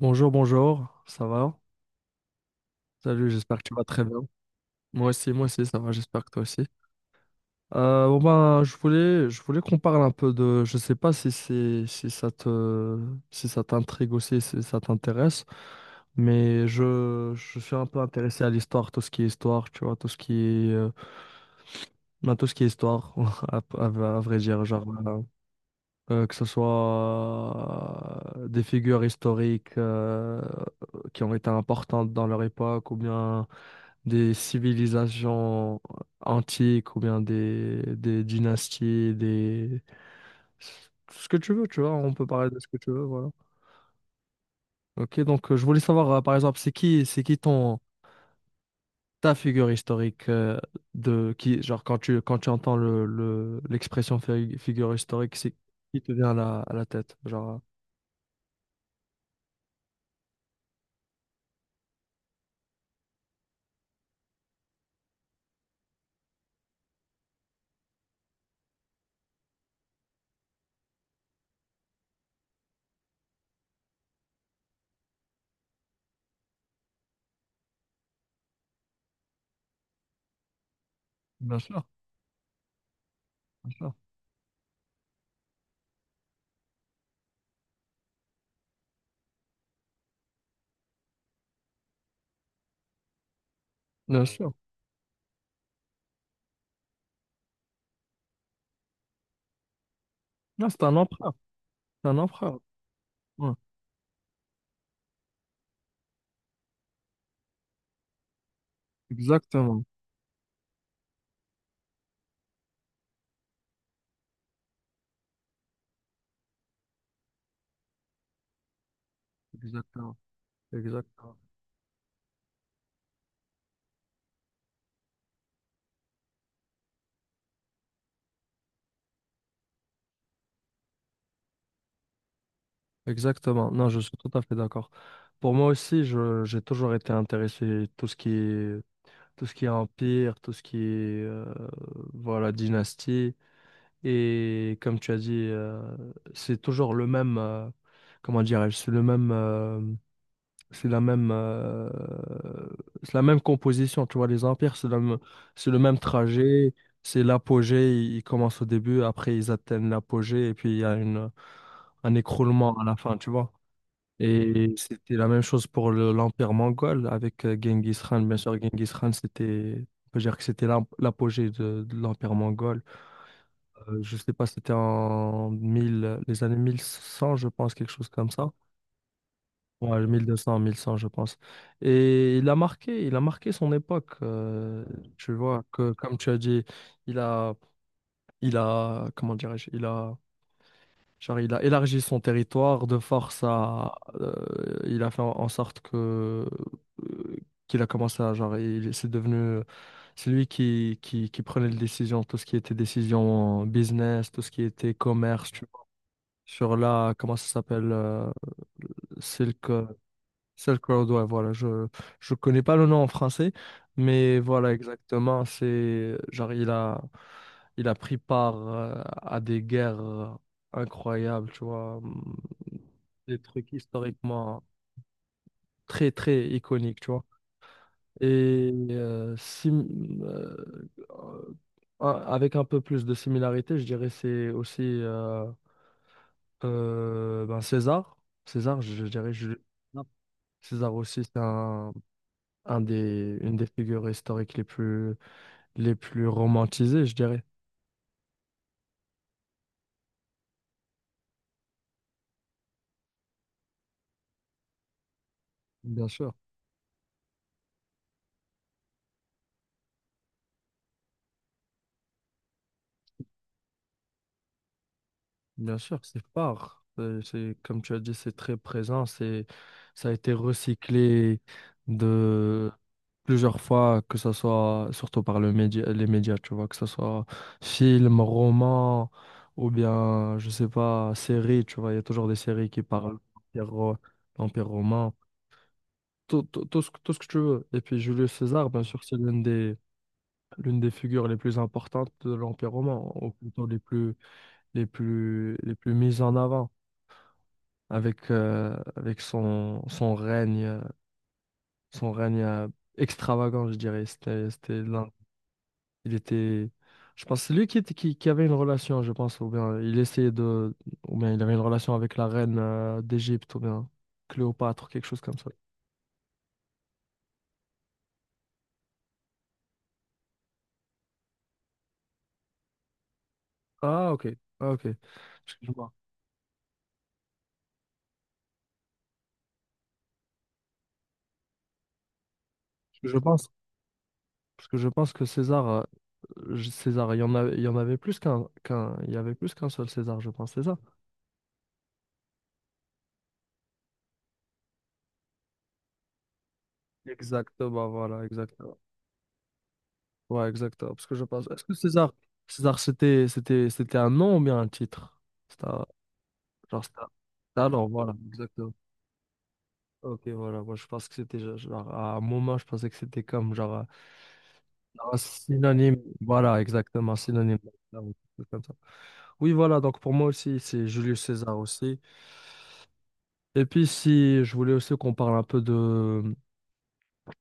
Bonjour, bonjour, ça va? Salut, j'espère que tu vas très bien. Moi aussi, ça va, j'espère que toi aussi. Je voulais qu'on parle un peu de, je sais pas si c'est, si ça te, si ça t'intrigue aussi, si ça t'intéresse, mais je suis un peu intéressé à l'histoire, tout ce qui est histoire, tu vois, tout ce qui est, ben, tout ce qui est histoire, à, à vrai dire, genre, que ce soit des figures historiques qui ont été importantes dans leur époque ou bien des civilisations antiques ou bien des dynasties, des... Ce que tu veux, tu vois, on peut parler de ce que tu veux, voilà. Ok, donc je voulais savoir, par exemple, c'est qui ton, ta figure historique de qui, genre quand tu entends l'expression figure historique, c'est qui te vient à la tête, genre. Bien sûr, bien sûr, bien sûr. Non, c'est un empereur, c'est un empereur. Ouais, exactement, exactement, exactement. Exactement. Non, je suis tout à fait d'accord. Pour moi aussi, je, j'ai toujours été intéressé tout ce qui est, tout ce qui est empire, tout ce qui est voilà, dynastie. Et comme tu as dit, c'est toujours le même, comment dirais-je, c'est le même, c'est la même, c'est la même composition. Tu vois, les empires, c'est le même trajet, c'est l'apogée. Ils commencent au début, après ils atteignent l'apogée, et puis il y a une, un écroulement à la fin, tu vois. Et c'était la même chose pour l'Empire mongol avec Genghis Khan. Bien sûr, Genghis Khan, c'était, on peut dire que c'était l'apogée de l'Empire mongol. Je sais pas, c'était en 1000 les années 1100 je pense, quelque chose comme ça. Ouais, 1200, 1100 je pense. Et il a marqué son époque. Tu vois, que, comme tu as dit, il a, il a, comment dirais-je, il a genre, il a élargi son territoire de force à. euh, il a fait en en sorte que. euh, qu'il a commencé à. Genre, il, c'est devenu. C'est lui qui prenait les décisions, tout ce qui était décision business, tout ce qui était commerce, tu vois. Sur la. Comment ça s'appelle Silk, Silk Road, ouais, voilà. Je connais pas le nom en français, mais voilà, exactement. C'est. Genre, il a. Il a pris part à des guerres incroyables, tu vois des trucs historiquement très, très iconiques, tu vois. Et si, euh, avec un peu plus de similarité, je dirais c'est aussi ben César. César, je, dirais, Non. César aussi, c'est un des, une des figures historiques les plus romantisées, je dirais. Bien sûr. Bien sûr, c'est fort. C'est, comme tu as dit, c'est très présent. C'est, ça a été recyclé de plusieurs fois, que ce soit surtout par le média, les médias, tu vois, que ce soit film, roman ou bien, je sais pas, série, tu vois, il y a toujours des séries qui parlent de l'Empire romain, tout, tout, tout ce, tout ce que tu veux. Et puis Julius César, bien sûr, c'est l'une des figures les plus importantes de l'Empire romain, ou plutôt les plus, les plus, les plus mises en avant avec, avec son, son règne extravagant, je dirais. C'était, c'était il était, je pense, c'est lui qui, qui avait une relation, je pense, ou bien il essayait de, ou bien il avait une relation avec la reine d'Égypte, ou bien Cléopâtre, quelque chose comme ça. Ah, ok, ah, ok. Excuse-moi. Je vois. Je pense, parce que je pense que César, César, il y en avait, il y en avait plus qu'un, qu'un, il y avait plus qu'un seul César, je pense, c'est ça? Exactement, voilà, exact. Ouais, exact. Parce que je pense. Est-ce que César, César, c'était, c'était, c'était un nom ou bien un titre? C'était un- genre, c'était un... Ah non, voilà, exactement. Ok, voilà. Moi, je pense que c'était genre, à un moment, je pensais que c'était comme genre un synonyme. Voilà, exactement, un synonyme. Ah oui, c'est comme ça. Oui, voilà. Donc pour moi aussi, c'est Julius César aussi. Et puis si je voulais aussi qu'on parle un peu de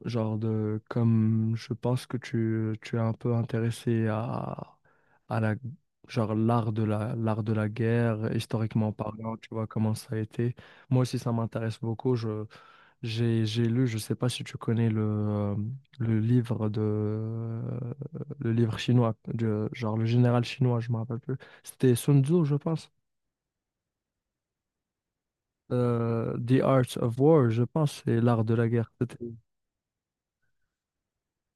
genre de comme je pense que tu es un peu intéressé à la genre l'art de la guerre, historiquement parlant, tu vois comment ça a été. Moi aussi ça m'intéresse beaucoup. Je j'ai lu, je sais pas si tu connais le livre de le livre chinois, de, genre le général chinois, je me rappelle plus. C'était Sun Tzu, je pense. The Art of War, je pense, c'est l'art de la guerre.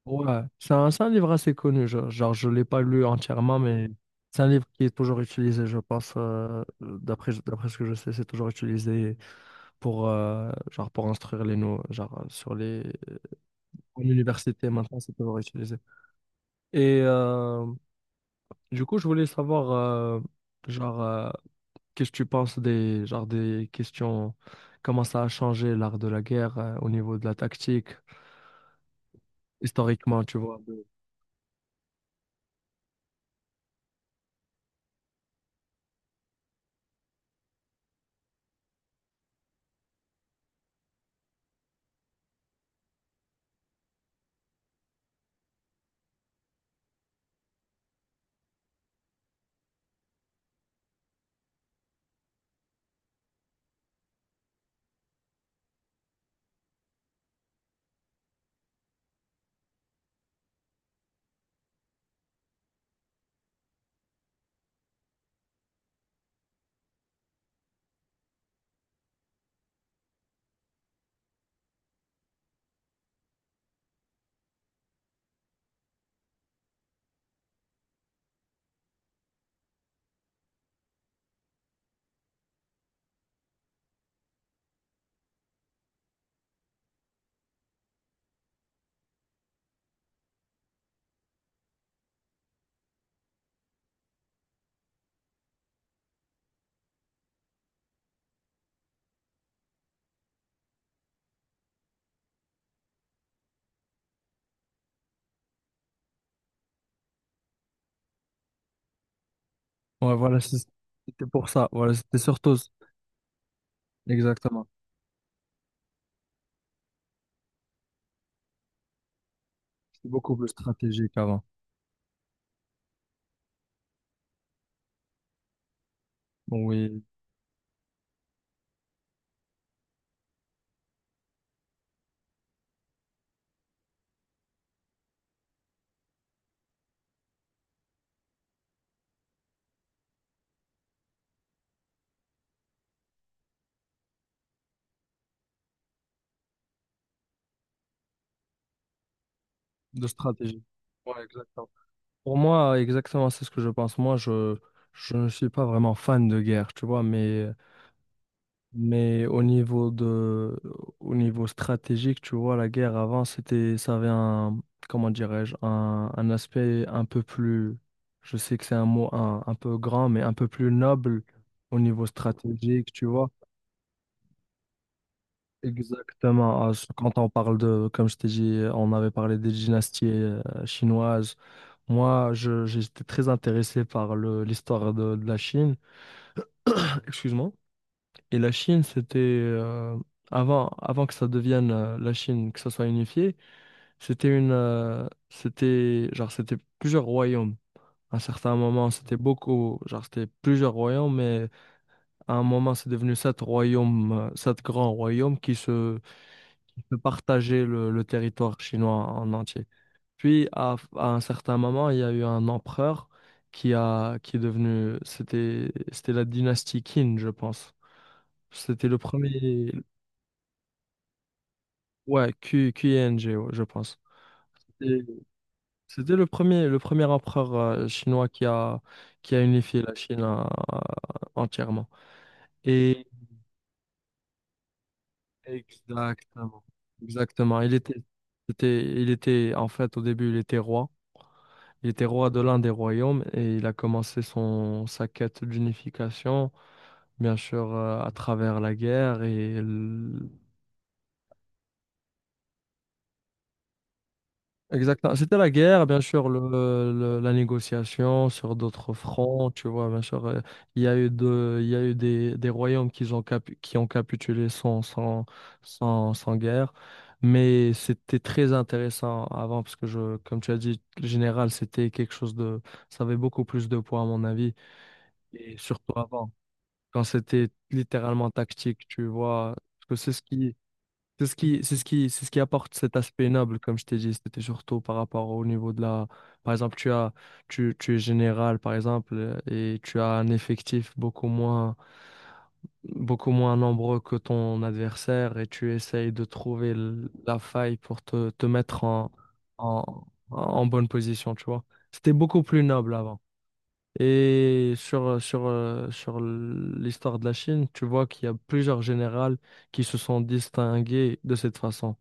Ouais, c'est un livre assez connu. Genre, genre je ne l'ai pas lu entièrement, mais c'est un livre qui est toujours utilisé, je pense. D'après, d'après ce que je sais, c'est toujours utilisé pour, genre pour instruire les nouveaux. Genre, sur les... En université, maintenant, c'est toujours utilisé. Et du coup, je voulais savoir, genre, qu'est-ce que tu penses des, genre, des questions, comment ça a changé l'art de la guerre, au niveau de la tactique, historiquement, tu vois. Ouais, voilà, c'était pour ça. Voilà, c'était surtout, exactement. C'était beaucoup plus stratégique avant. Bon, oui, de stratégie. Ouais, exactement. Pour moi, exactement, c'est ce que je pense. Moi, je ne suis pas vraiment fan de guerre, tu vois, mais au niveau de, au niveau stratégique, tu vois, la guerre avant, c'était, ça avait un, comment dirais-je, un aspect un peu plus, je sais que c'est un mot un peu grand, mais un peu plus noble au niveau stratégique, tu vois. Exactement. Ah, c- quand on parle de, comme je t'ai dit, on avait parlé des dynasties chinoises. Moi, j'étais très intéressé par l'histoire de la Chine. Excuse-moi. Et la Chine, c'était avant, avant que ça devienne la Chine, que ça soit unifié, c'était une, c'était genre, c'était plusieurs royaumes. À un certain moment, c'était beaucoup, genre, c'était plusieurs royaumes, mais à un moment, c'est devenu 7 royaumes, 7 grands royaumes qui se de partager le territoire chinois en entier. Puis, à un certain moment, il y a eu un empereur qui a, qui est devenu, c'était, c'était la dynastie Qin, je pense. C'était le premier, ouais, Q, QING, ouais, je pense. Et c'était le premier empereur chinois qui a unifié la Chine entièrement. Et exactement, exactement. Il était, c'était, il était, en fait, au début, il était roi. Il était roi de l'un des royaumes et il a commencé son, sa quête d'unification, bien sûr, à travers la guerre et exactement. C'était la guerre, bien sûr, le, la négociation sur d'autres fronts, tu vois, bien sûr. Il y a eu de, il y a eu des royaumes qui ont, qui ont capitulé sans, sans, sans, sans guerre. Mais c'était très intéressant avant, parce que je, comme tu as dit, le général, c'était quelque chose de, ça avait beaucoup plus de poids, à mon avis, et surtout avant. Quand c'était littéralement tactique, tu vois. Parce que c'est ce qui, c'est ce qui, c'est ce qui, c'est ce qui apporte cet aspect noble, comme je t'ai dit. C'était surtout par rapport au niveau de la. Par exemple, tu as, tu es général, par exemple, et tu as un effectif beaucoup moins nombreux que ton adversaire, et tu essayes de trouver la faille pour te, te mettre en, en, en bonne position, tu vois. C'était beaucoup plus noble avant. Et sur, sur, sur l'histoire de la Chine, tu vois qu'il y a plusieurs généraux qui se sont distingués de cette façon,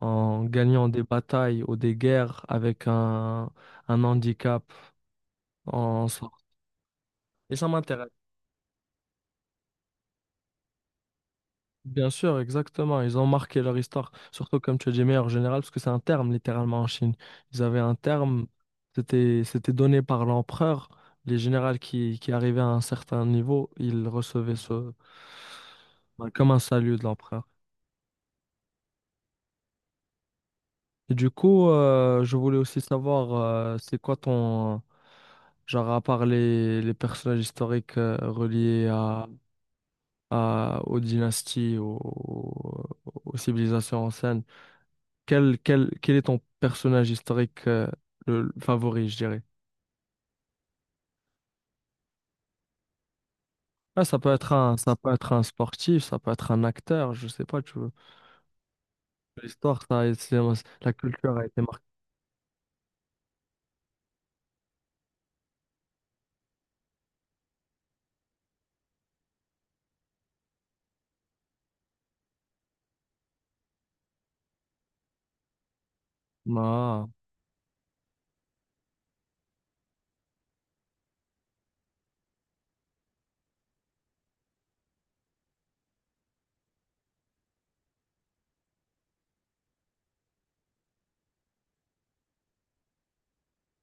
en gagnant des batailles ou des guerres avec un handicap en soi. Et ça m'intéresse. Bien sûr, exactement. Ils ont marqué leur histoire, surtout comme tu as dit, meilleur général, parce que c'est un terme littéralement en Chine. Ils avaient un terme, c'était c'était donné par l'empereur. Les généraux qui arrivaient à un certain niveau, ils recevaient ce bah, comme un salut de l'empereur. Et du coup, je voulais aussi savoir, c'est quoi ton genre à part les personnages historiques reliés à, aux dynasties, aux, aux civilisations anciennes. Quel, quel, quel est ton personnage historique le favori, je dirais? Ah, ça peut être un, ça peut être un sportif, ça peut être un acteur, je sais pas, tu veux. L'histoire, ça, la culture a été marquée. Ah,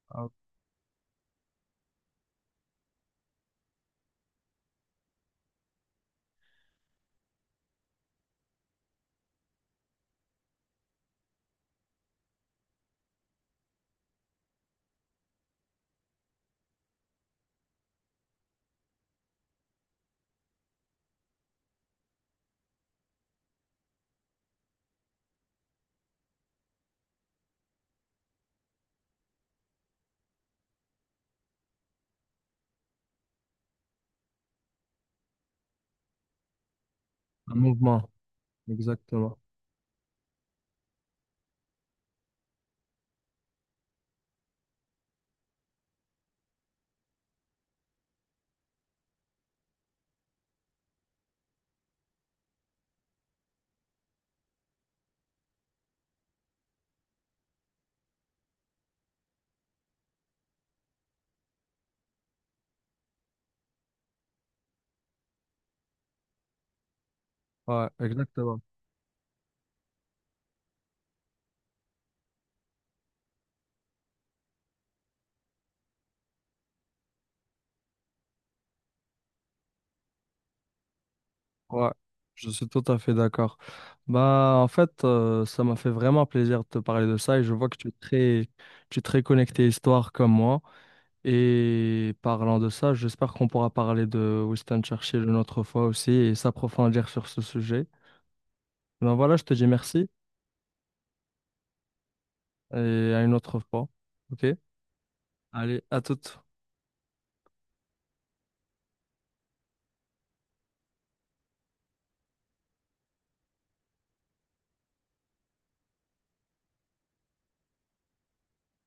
ah, un mouvement, exactement. Ouais, exactement. Ouais, je suis tout à fait d'accord. Bah, en fait, ça m'a fait vraiment plaisir de te parler de ça et je vois que tu es très connecté histoire comme moi. Et parlant de ça, j'espère qu'on pourra parler de Winston Churchill une autre fois aussi et s'approfondir sur ce sujet. Ben voilà, je te dis merci et à une autre fois. OK? Allez, à toute.